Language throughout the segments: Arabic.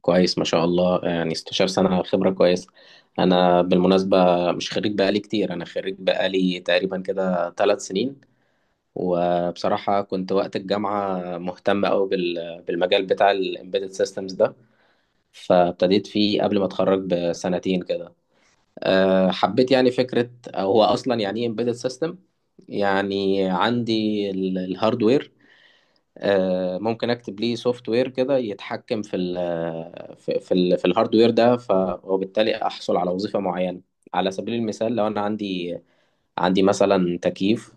كويس ما شاء الله، يعني 16 سنة خبرة كويسة. أنا بالمناسبة مش خريج بقالي كتير، أنا خريج بقالي تقريبا كده ثلاث سنين. وبصراحة كنت وقت الجامعة مهتم أوي بالمجال بتاع ال Embedded Systems ده، فابتديت فيه قبل ما أتخرج بسنتين كده. حبيت يعني فكرة، أو هو أصلا يعني إيه Embedded System؟ يعني عندي الهاردوير، ممكن اكتب ليه سوفت وير كده يتحكم في الهاردوير ده، وبالتالي احصل على وظيفة معينة. على سبيل المثال، لو انا عندي، عندي مثلا تكييف،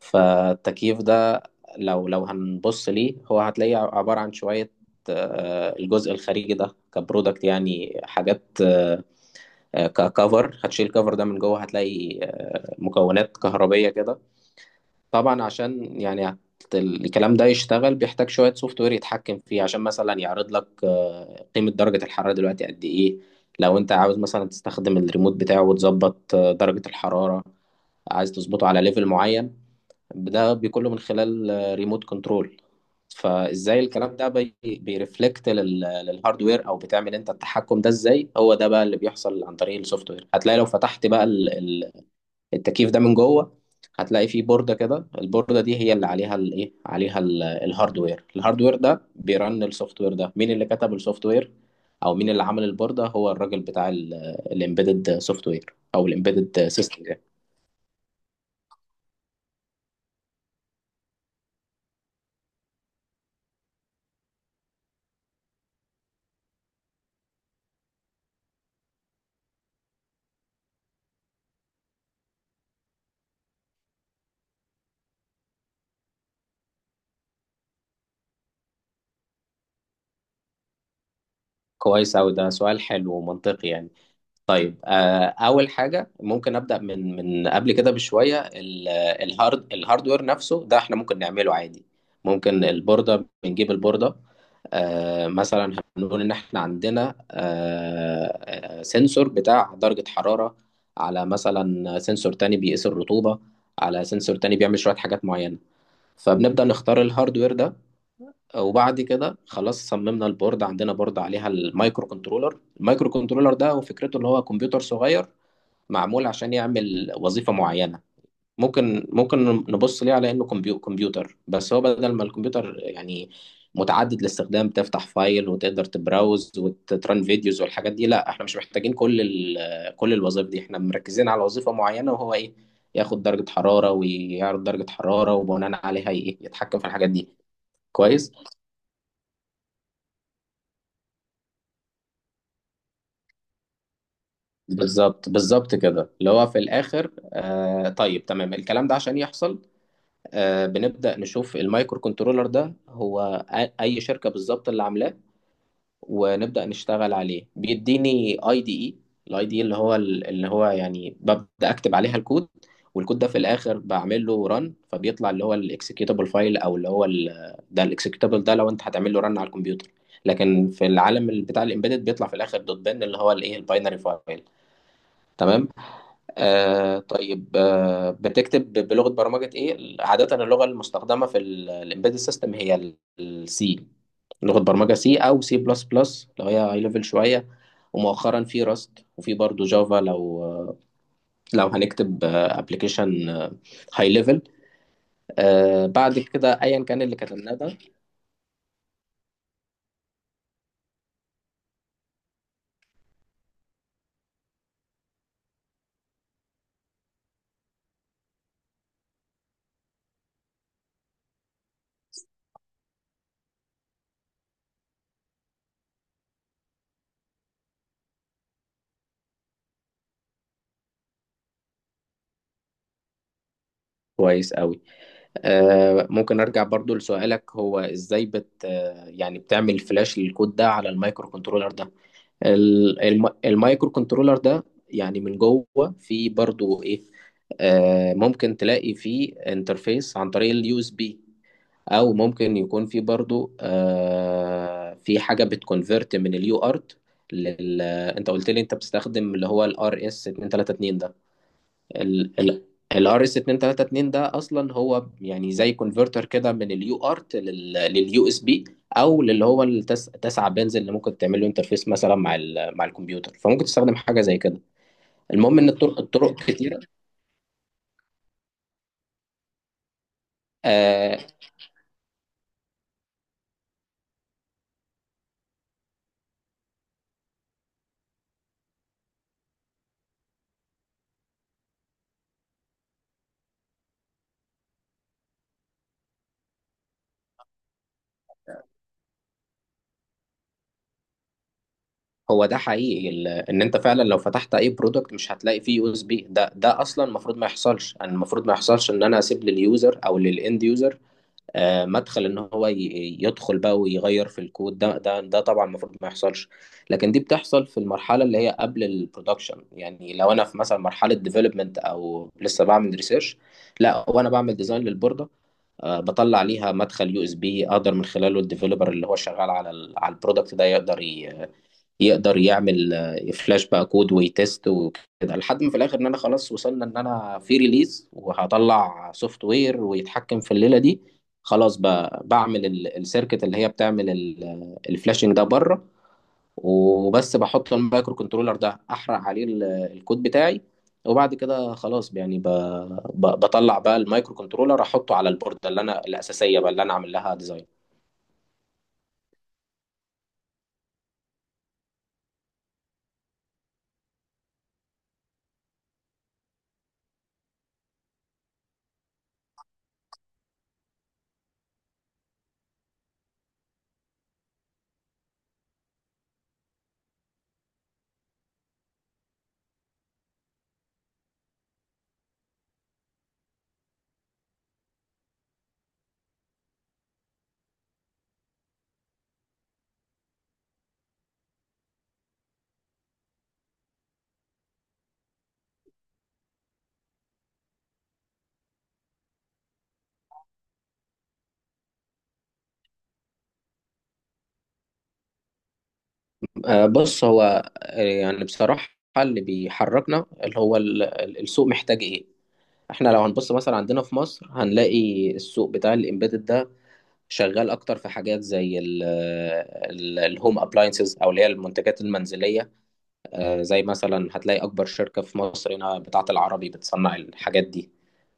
فالتكييف ده لو هنبص ليه، هو هتلاقيه عبارة عن شوية الجزء الخارجي ده كبرودكت، يعني حاجات ككفر. هتشيل الكفر ده من جوه، هتلاقي مكونات كهربية كده. طبعا عشان يعني الكلام ده يشتغل، بيحتاج شوية سوفت وير يتحكم فيه، عشان مثلا يعرض لك قيمة درجة الحرارة دلوقتي قد إيه. لو أنت عاوز مثلا تستخدم الريموت بتاعه وتظبط درجة الحرارة، عايز تظبطه على ليفل معين، ده بيكون له من خلال ريموت كنترول. فإزاي الكلام ده بيرفلكت للهاردوير، أو بتعمل أنت التحكم ده إزاي؟ هو ده بقى اللي بيحصل عن طريق السوفت وير. هتلاقي لو فتحت بقى التكييف ده من جوه، هتلاقي فيه بوردة كده، البوردة دي هي اللي عليها الايه، عليها الهاردوير. الهاردوير ده بيرن السوفت وير ده. مين اللي كتب السوفت وير او مين اللي عمل البوردة؟ هو الراجل بتاع الامبيدد سوفت وير او الامبيدد سيستم ده. كويس اوي، ده سؤال حلو ومنطقي يعني. طيب اول حاجه ممكن ابدا من قبل كده بشويه. الهاردوير نفسه ده احنا ممكن نعمله عادي، ممكن البورده. بنجيب البورده، مثلا هنقول ان احنا عندنا سنسور بتاع درجه حراره، على مثلا سنسور تاني بيقيس الرطوبه، على سنسور تاني بيعمل شويه حاجات معينه. فبنبدا نختار الهاردوير ده، وبعد كده خلاص صممنا البورد. عندنا بورد عليها المايكرو كنترولر. المايكرو كنترولر ده وفكرته اللي هو كمبيوتر صغير معمول عشان يعمل وظيفة معينة. ممكن نبص ليه على انه كمبيوتر، بس هو بدل ما الكمبيوتر يعني متعدد الاستخدام، تفتح فايل وتقدر تبراوز وتران فيديوز والحاجات دي، لا، احنا مش محتاجين كل الوظائف دي، احنا مركزين على وظيفة معينة، وهو ايه؟ ياخد درجة حرارة ويعرض درجة حرارة، وبناء عليها ايه، يتحكم في الحاجات دي. كويس. بالظبط كده، اللي هو في الاخر. آه طيب تمام، الكلام ده عشان يحصل، آه بنبدا نشوف المايكرو كنترولر ده هو اي شركه بالظبط اللي عاملاه، ونبدا نشتغل عليه. بيديني اي دي اي، الاي دي اللي هو يعني ببدا اكتب عليها الكود، والكود ده في الاخر بعمل له ران، فبيطلع اللي هو الاكسكيوتابل فايل، او اللي هو ده الاكسكيوتابل ده لو انت هتعمل له ران على الكمبيوتر، لكن في العالم بتاع الامبيدد بيطلع في الاخر دوت بن، اللي هو الايه، الباينري فايل. تمام. آه طيب، آه بتكتب بلغة برمجة ايه؟ عادة اللغة المستخدمة في الامبيدد سيستم هي السي، لغة برمجة سي او سي بلس بلس لو هي هاي ليفل شوية، ومؤخرا في راست وفي برضه جافا لو لو هنكتب ابلكيشن هاي ليفل. بعد كده ايا كان اللي كتبناه ده. كويس قوي. آه ممكن ارجع برضو لسؤالك، هو ازاي بت آه، يعني بتعمل فلاش للكود ده على المايكرو كنترولر ده؟ المايكرو كنترولر ده يعني من جوه فيه برضو ايه، آه ممكن تلاقي فيه انترفيس عن طريق اليو اس بي، او ممكن يكون فيه برضو آه في حاجه بتكونفرت من اليو ارت لل آه، انت قلت لي انت بتستخدم اللي هو الار اس 232 ده. الار اس 232 ده اصلا هو يعني زي كونفرتر كده من اليو ارت لليو اس بي، او للي هو تسعة بنز، اللي ممكن تعمل له انترفيس مثلا مع ال... مع الكمبيوتر، فممكن تستخدم حاجه زي كده. المهم ان الطرق، الطرق كتيره. آه هو ده حقيقي، ال... ان انت فعلا لو فتحت اي برودكت مش هتلاقي فيه يو اس بي. ده ده اصلا المفروض ما يحصلش، انا المفروض ما يحصلش ان انا اسيب لليوزر او للاند يوزر مدخل ان هو يدخل بقى ويغير في الكود ده طبعا المفروض ما يحصلش، لكن دي بتحصل في المرحله اللي هي قبل البرودكشن. يعني لو انا في مثلا مرحله ديفلوبمنت او لسه بعمل ريسيرش، لا وانا بعمل ديزاين للبورده، بطلع ليها مدخل يو اس بي، اقدر من خلاله الديفلوبر اللي هو شغال على على البرودكت ده يقدر يقدر يعمل فلاش بقى كود ويتست وكده، لحد ما في الاخر ان انا خلاص وصلنا ان انا في ريليز وهطلع سوفت وير ويتحكم في الليله دي. خلاص بقى بعمل السيركت اللي هي بتعمل الفلاشنج ده بره، وبس بحط المايكرو كنترولر ده، احرق عليه الكود بتاعي، وبعد كده خلاص يعني بطلع بقى المايكرو كنترولر احطه على البوردة اللي انا الاساسيه بقى اللي انا عامل لها ديزاين. بص، هو يعني بصراحة اللي بيحركنا اللي هو السوق محتاج ايه. احنا لو هنبص مثلا عندنا في مصر، هنلاقي السوق بتاع الامبيدد ده شغال اكتر في حاجات زي الهوم ابلاينسز، او اللي هي المنتجات المنزلية. زي مثلا هتلاقي أكبر شركة في مصر هنا بتاعة العربي بتصنع الحاجات دي،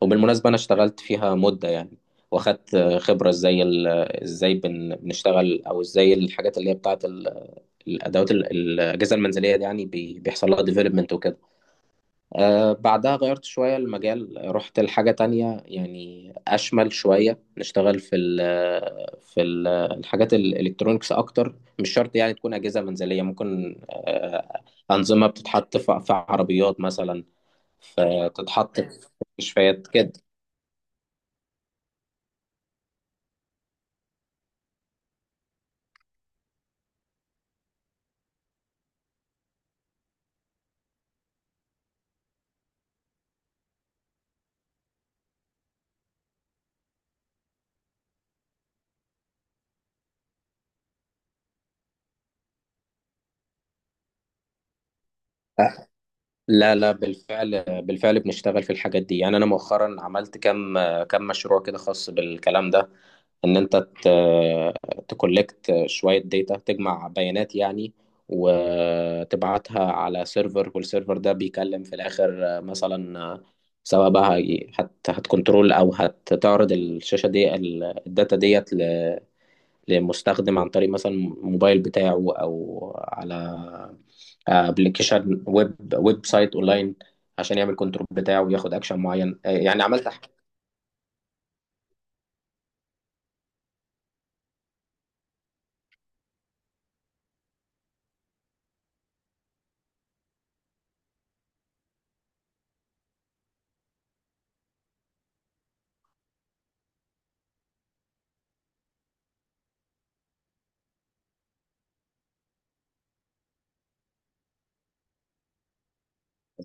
وبالمناسبة أنا اشتغلت فيها مدة يعني، واخدت خبرة ازاي ازاي بنشتغل، أو ازاي الحاجات اللي هي بتاعة الأدوات الأجهزة المنزلية دي يعني بيحصل لها ديفلوبمنت وكده. بعدها غيرت شوية المجال، رحت لحاجة تانية يعني أشمل شوية، نشتغل في ال في ال الحاجات الإلكترونيكس أكتر، مش شرط يعني تكون أجهزة منزلية. ممكن أنظمة بتتحط في عربيات مثلا، تتحط في مستشفيات كده. آه، لا لا، بالفعل بالفعل بنشتغل في الحاجات دي. يعني أنا مؤخرا عملت كم مشروع كده خاص بالكلام ده، ان انت تكولكت شوية داتا، تجمع بيانات يعني، وتبعتها على سيرفر، والسيرفر ده بيكلم في الاخر مثلا سواء بقى هت هتكنترول او هتعرض الشاشة دي الداتا ديت لمستخدم، عن طريق مثلا الموبايل بتاعه، او على ابلكيشن ويب، ويب سايت اونلاين، عشان يعمل كنترول بتاعه وياخد اكشن معين. يعني عملت حاجة.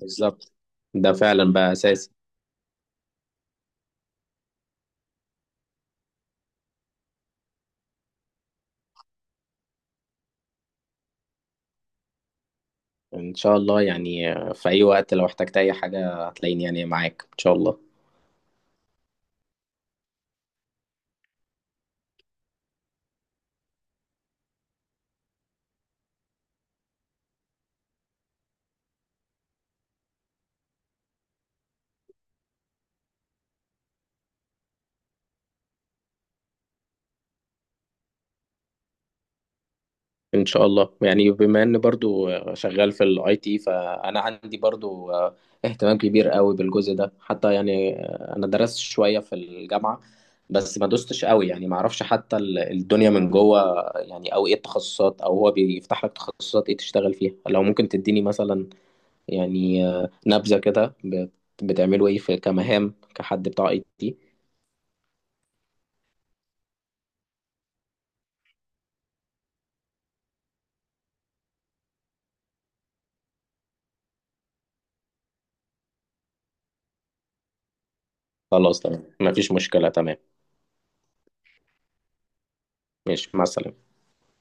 بالظبط، ده فعلا بقى اساسي. ان شاء الله، يعني في اي وقت لو احتجت اي حاجه هتلاقيني يعني معاك ان شاء الله. ان شاء الله. يعني بما ان برضو شغال في الاي تي، فانا عندي برضو اهتمام كبير قوي بالجزء ده حتى، يعني انا درست شويه في الجامعه بس ما دوستش قوي، يعني ما اعرفش حتى الدنيا من جوه يعني، او ايه التخصصات، او هو بيفتح لك تخصصات ايه تشتغل فيها. لو ممكن تديني مثلا يعني نبذه كده بتعملوا ايه في كمهام كحد بتاع اي تي. خلاص تمام، مفيش مشكلة. تمام، ماشي، مع السلامة.